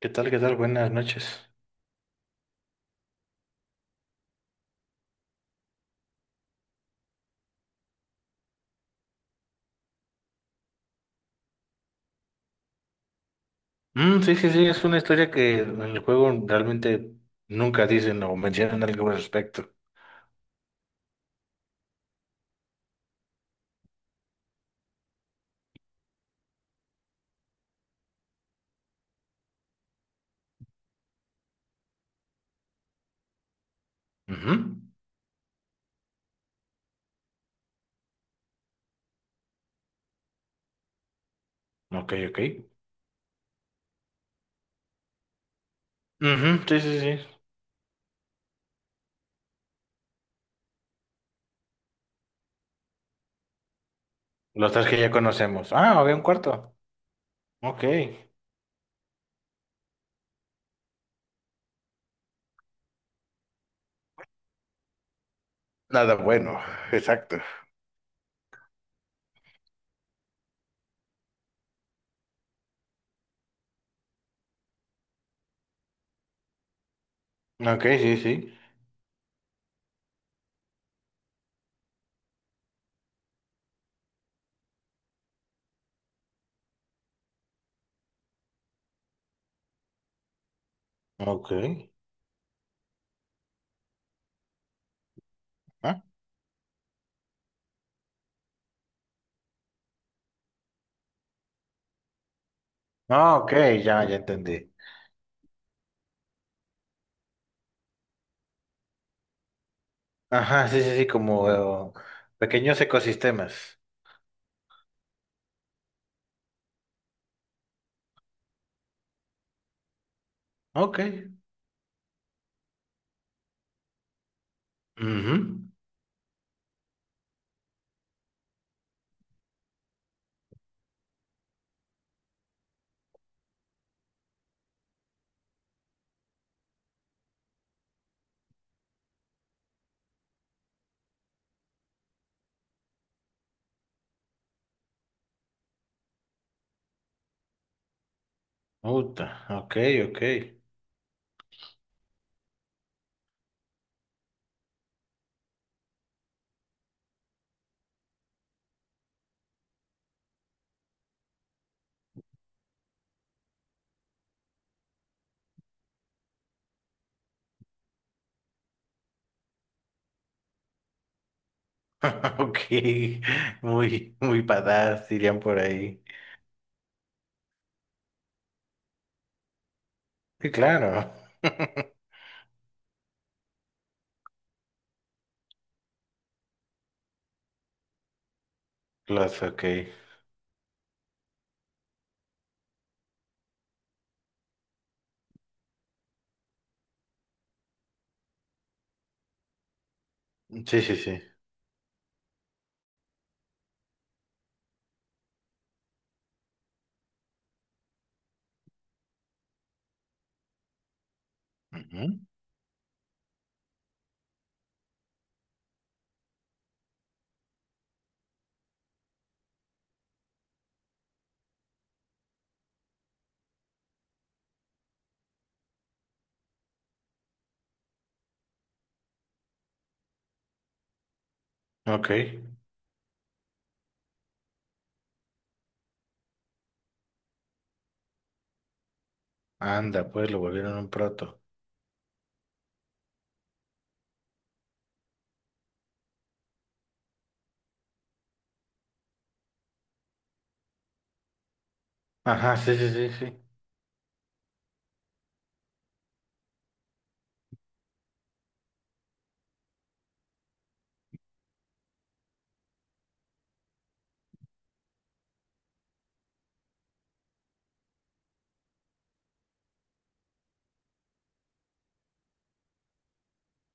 ¿Qué tal? ¿Qué tal? Buenas noches. Mm, sí, sí, sí, es una historia que en el juego realmente nunca dicen o mencionan algo al respecto. Ujú. Ok, ok. Ujú, sí, sí, sí. Los tres que ya conocemos. Ah, había un cuarto. Ok. Nada bueno, exacto. Ok, sí, sí. Ok. ¿Ah? Ah, ok, ya, ya entendí. Ajá, sí, sí, sí, como pequeños ecosistemas. Ok. Mhm. Puta, ok, ok. Ok, muy, muy badass, dirían por ahí. Sí, claro. Los, ok. Sí, sí, sí. Ujú. Ok. Anda, pues lo volvieron un proto. Ajá, sí, sí, sí, sí.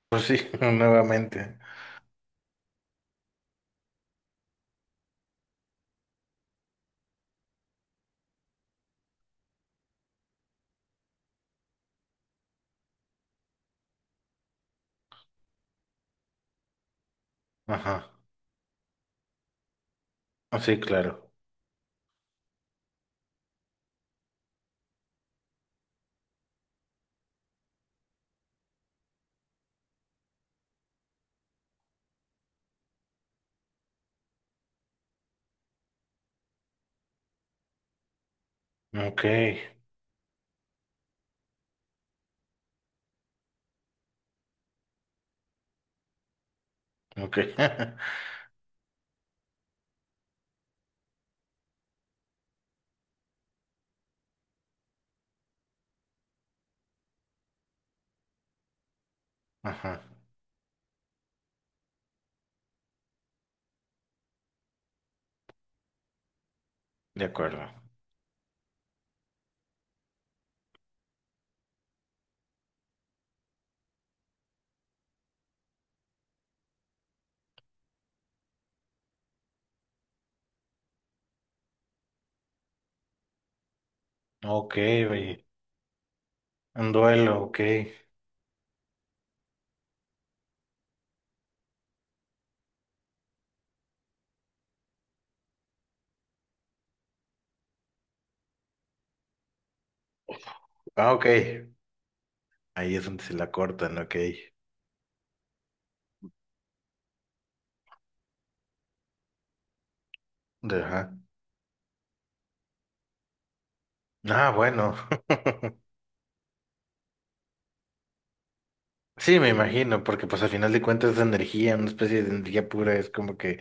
Pues sí, nuevamente. Ajá. Ah, sí, claro. Ok, ok. Ajá, de acuerdo. Ok, oye. Un duelo, ok. Ah, ok. Ahí es donde se la cortan, ok. Ajá. Ah, bueno. Sí, me imagino, porque pues al final de cuentas es energía, una especie de energía pura, es como que...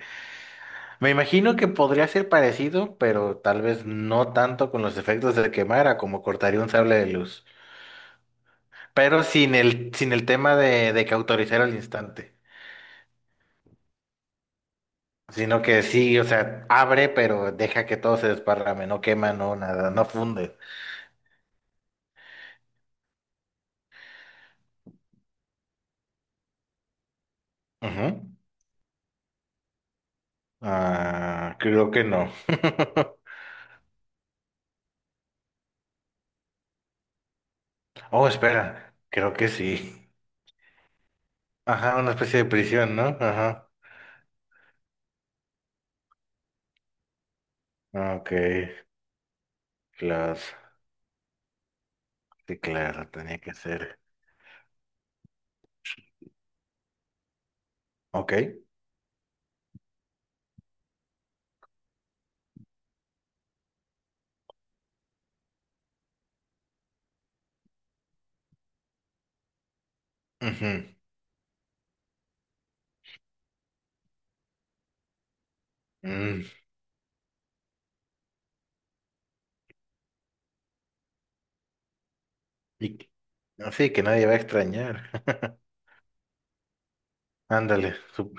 Me imagino que podría ser parecido, pero tal vez no tanto con los efectos de quemar, a como cortaría un sable de luz. Pero sin el, sin el tema de cauterizar al instante, sino que sí, o sea, abre, pero deja que todo se desparrame, no quema, no nada, no funde. Ujú. Ah, creo que no. Oh, espera, creo que sí. Ajá, una especie de prisión, ¿no? Ajá. Ok. Claro, sí, claro, tenía que ser. Ok. Ujú. Mm, y que- así que nadie va a extrañar. Ándale. Sup-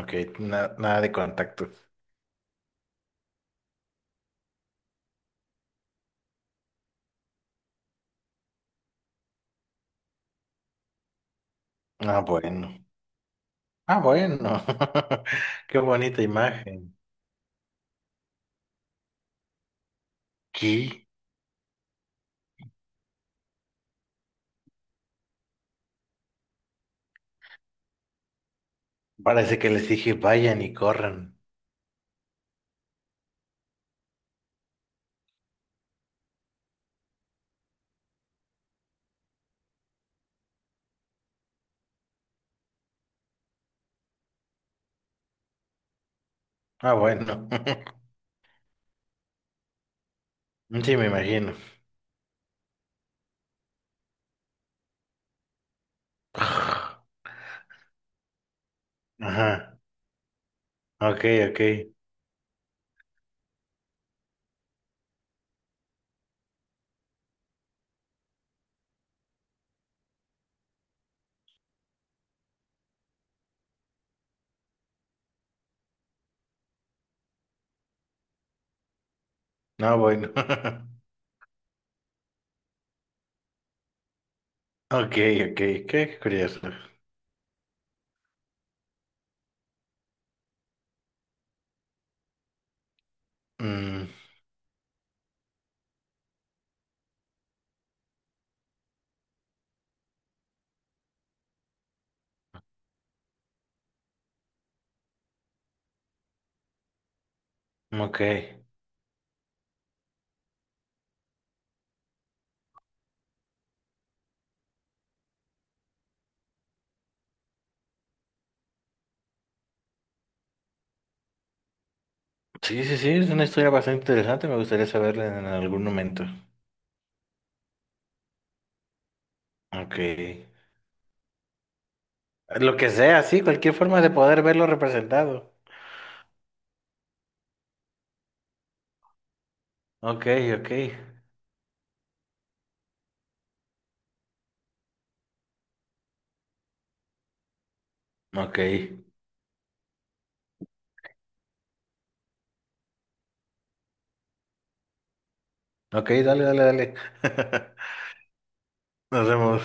ok, na- nada de contactos. Ah, bueno. Ah, bueno. Qué bonita imagen. ¿Qué? Parece que les dije vayan y corran. Ah, bueno. Sí, me imagino. Ajá. Ok, ok. No, bueno. Ok, ok. Qué curioso. Mm, ok. Sí, sí, sí, es una historia bastante interesante, me gustaría saberla en algún momento. Ok. Lo que sea, sí, cualquier forma de poder verlo representado. Ok, ok. Ok. Ok, dale, dale, dale. Nos vemos.